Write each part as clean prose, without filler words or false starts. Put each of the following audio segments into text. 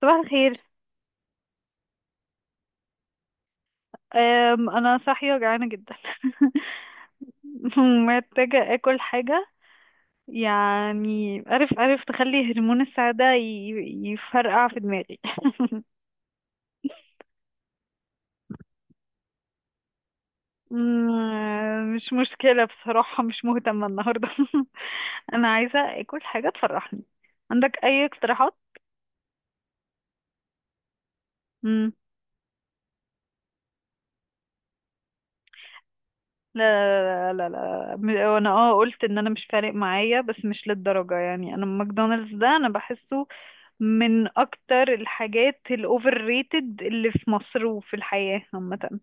صباح الخير. انا صاحيه جعانه جدا. ومحتاجه اكل حاجه. يعني عارف تخلي هرمون السعاده يفرقع في دماغي. مش مشكله بصراحه، مش مهتمه النهارده. انا عايزه اكل حاجه تفرحني. عندك اي اقتراحات؟ مم. لا لا، وانا اه قلت ان انا مش فارق معايا، بس مش للدرجه. يعني انا ماكدونالدز ده انا بحسه من اكتر الحاجات الاوفر ريتد اللي في مصر وفي الحياة عامة.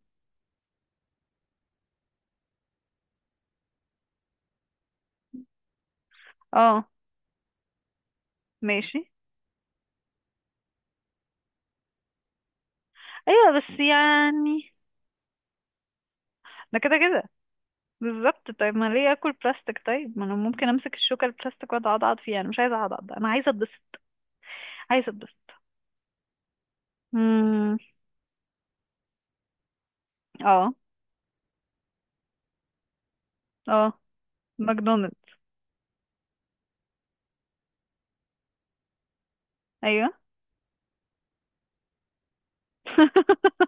اه ماشي. ايوه بس يعني ده كده كده. بالظبط، طيب ما ليه اكل بلاستيك؟ طيب ما انا ممكن امسك الشوكة البلاستيك واقعد اعضعض فيها. انا مش عايزة اعضعض، انا عايزة اتبسط. عايزة اتبسط. امم. اه اه ماكدونالدز. ايوه.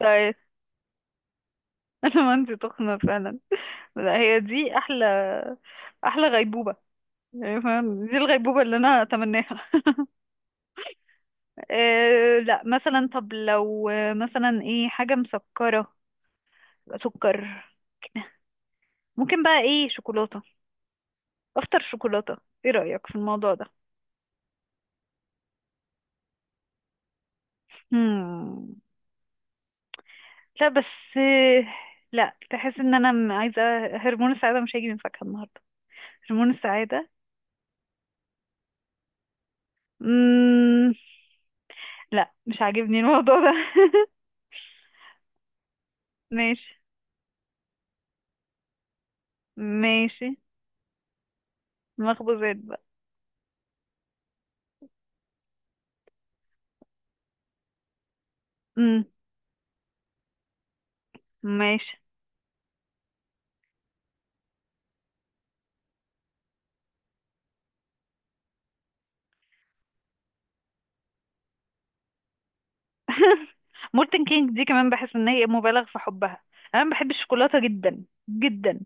طيب، انا ما عندي تخمة فعلا. لا هي دي احلى. احلى غيبوبة. يعني فاهم، دي الغيبوبة اللي انا اتمناها. أه لا مثلا، طب لو مثلا ايه حاجة مسكرة، سكر. ممكن بقى ايه، شوكولاتة؟ افطر شوكولاتة. ايه رأيك في الموضوع ده؟ هم. لا بس لا، تحس ان انا عايزة هرمون السعادة. مش هيجي من فاكهة النهاردة، هرمون السعادة. مم... لا مش عاجبني الموضوع ده. ماشي. ماشي. مخبوزات بقى. مم. ماشي. مولتن كينج دي كمان بحس ان هي مبالغ في حبها. انا بحب الشوكولاته جدا جدا.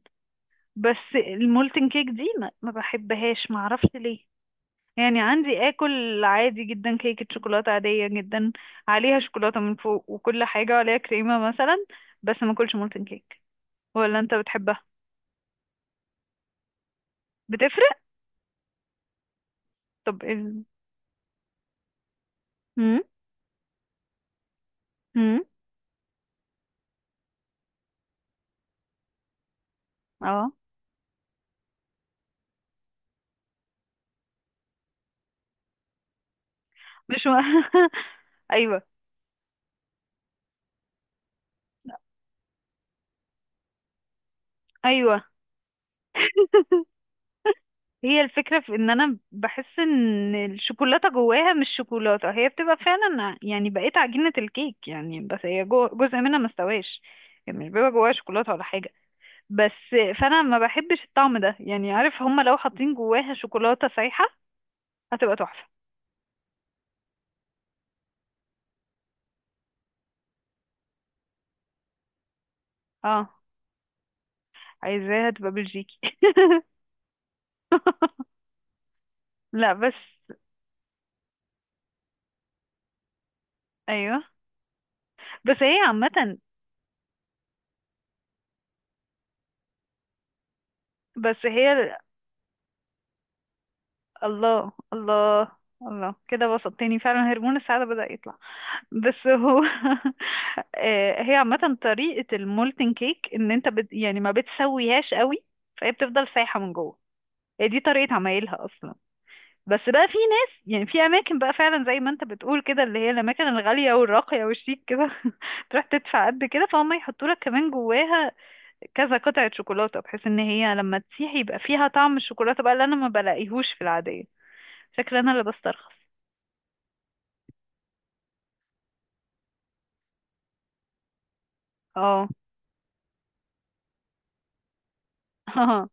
بس المولتن كيك دي ما بحبهاش، ما اعرفش ليه. يعني عندي اكل عادي جدا، كيكه شوكولاته عاديه جدا، عليها شوكولاته من فوق وكل حاجه، وعليها كريمه مثلا، بس ما اكلش مولتن كيك. ولا انت بتحبها؟ بتفرق. طب امم. امم. اه مش ايوه. ايوه. هي الفكرة في ان انا بحس ان الشوكولاتة جواها مش شوكولاتة. هي بتبقى فعلا يعني بقيت عجينة الكيك يعني، بس هي جزء منها ما استواش. يعني مش بيبقى جواها شوكولاتة ولا حاجة. بس فانا ما بحبش الطعم ده. يعني عارف، هما لو حاطين جواها شوكولاتة سايحة هتبقى تحفة. اه عايزاها تبقى بلجيكي. لا بس. ايوه بس هي عامة. بس هي الله الله. الله كده بسطتني فعلا، هرمون السعادة بدأ يطلع. بس هو. هي عامة طريقة المولتن كيك ان انت يعني ما بتسويهاش قوي، فهي بتفضل سايحة من جوه. هي دي طريقة عمايلها اصلا. بس بقى في ناس، يعني في اماكن بقى فعلا زي ما انت بتقول كده، اللي هي الاماكن الغالية والراقية والشيك كده، تروح تدفع قد كده فهم يحطوا لك كمان جواها كذا قطعة شوكولاتة، بحيث ان هي لما تسيح يبقى فيها طعم الشوكولاتة بقى اللي انا ما بلاقيهوش في العادية. شكل انا اللي بسترخص. اه.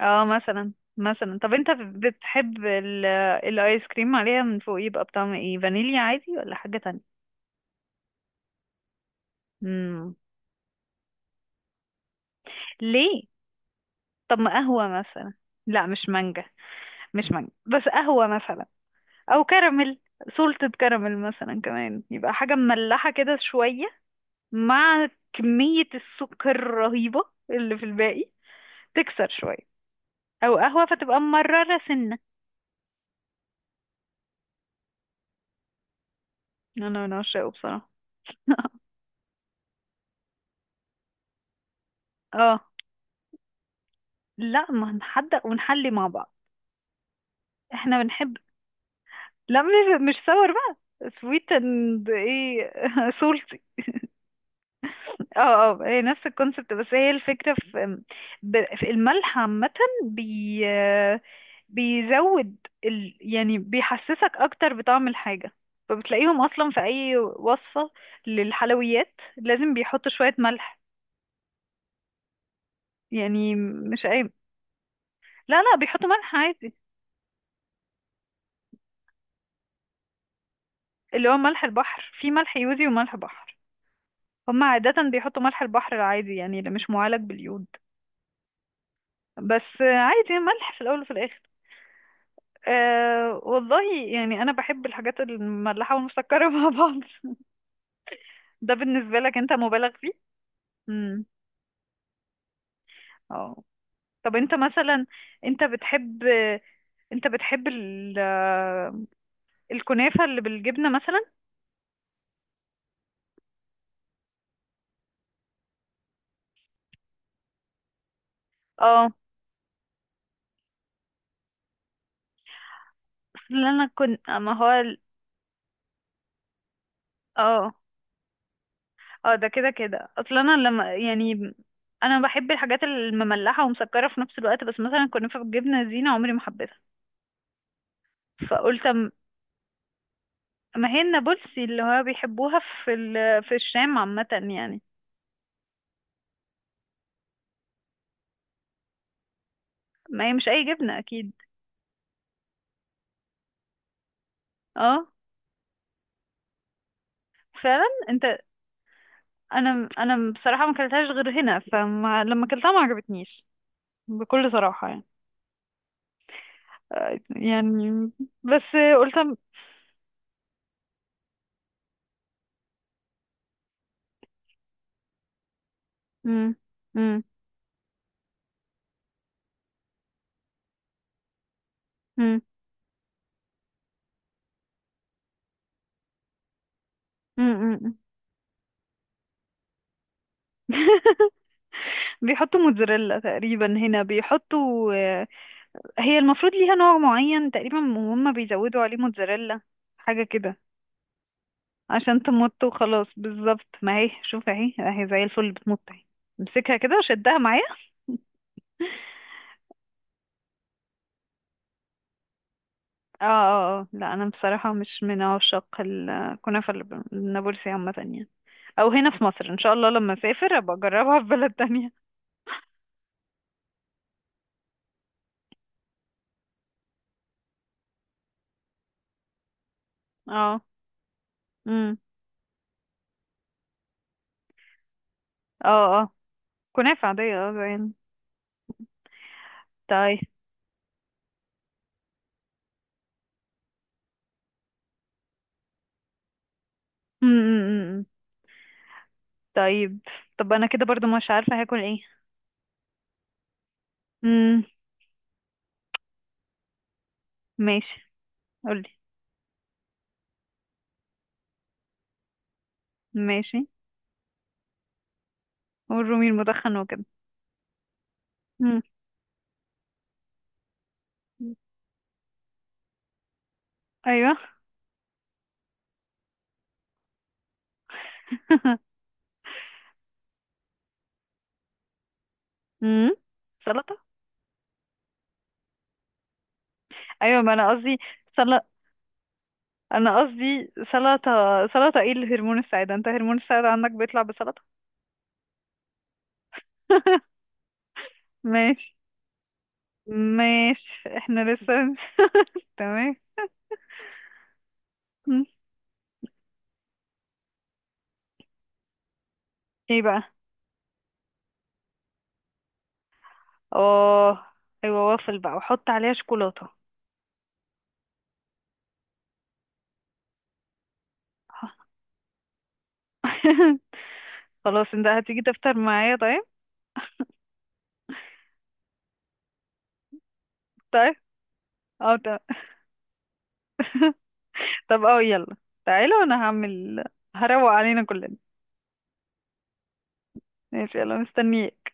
اه مثلا مثلا، طب انت بتحب الايس كريم عليها من فوق يبقى بطعم ايه، فانيليا عادي ولا حاجة تانية؟ مم. ليه؟ طب ما قهوة مثلا. لا مش مانجا. مش مانجا، بس قهوة مثلا، او كراميل. سولتد كراميل مثلا، كمان يبقى حاجة مملحة كده شوية مع كمية السكر الرهيبة اللي في الباقي، تكسر شوية. او قهوة فتبقى مررة سنة. انا بعشقه بصراحة. اه. لا ما هنحدق ونحلي مع بعض. احنا بنحب. لا مش، مش صور بقى. سويت اند ايه، سولتي. اه اه هي نفس الكونسبت، بس هي الفكرة في، في الملح عامة، بي بيزود يعني بيحسسك اكتر بطعم الحاجة. فبتلاقيهم اصلا في اي وصفة للحلويات لازم بيحطوا شوية ملح. يعني مش اي. لا، بيحطوا ملح عادي. اللي هو ملح البحر، في ملح يوزي وملح بحر. هما عادة بيحطوا ملح البحر العادي، يعني اللي مش معالج باليود. بس عادي، ملح في الاول وفي الاخر. أه والله يعني انا بحب الحاجات المملحه والمسكره مع بعض. ده بالنسبه لك انت مبالغ فيه. امم. اه طب انت مثلا، انت بتحب، انت بتحب ال... آه، الكنافه اللي بالجبنه مثلا؟ اه اصل انا كنت ما هو اه اه ده كده كده. اصل انا لما يعني انا بحب الحاجات المملحه ومسكره في نفس الوقت، بس مثلا الكنافه بالجبنه زينه عمري ما حبيتها. فقلت، ما هي النابلسي اللي هو بيحبوها في في الشام عامة يعني. ما هي مش أي جبنة أكيد. اه فعلا. انت، أنا أنا بصراحة ما كلتهاش غير هنا، فلما لما كلتها ما عجبتنيش بكل صراحة يعني. يعني بس قلت مم. مم. مم. مم. مم. بيحطوا موتزاريلا تقريبا هنا بيحطوا. آه، هي المفروض ليها نوع معين تقريبا وهم بيزودوا عليه موتزاريلا، حاجة كده. عشان تمط وخلاص. بالظبط، ما هي شوف اهي، اهي زي الفل بتمط، اهي امسكها كده وشدها معايا. اه اه اه، لا انا بصراحة مش من عشاق الكنافة النابلسي عامة يعني، او هنا في مصر. ان شاء الله لما اسافر ابقى اجربها في بلد تانية. اه امم. اه اه كنافة عادية اه زين. طيب. امم. أمم، أمم. طيب. طب انا كده برضو مش عارفة هاكل ايه. امم. ماشي. قولي. ماشي. والرومي المدخن وكده. امم. ايوه. امم. سلطة. ايوه ما انا قصدي. سل... انا قصدي سلطة. سلطة ايه اللي هرمون السعادة؟ انت هرمون السعادة عندك بيطلع بسلطة؟ ماشي. ماشي احنا لسه. تمام. م. ايه بقى؟ اه ايوه وافل بقى، وحط عليها شوكولاتة. خلاص انت هتيجي تفطر معايا طيب. طيب اه طيب. طب اه يلا، تعالى وانا هعمل، هروق علينا كلنا. ماشي يلا مستنيك.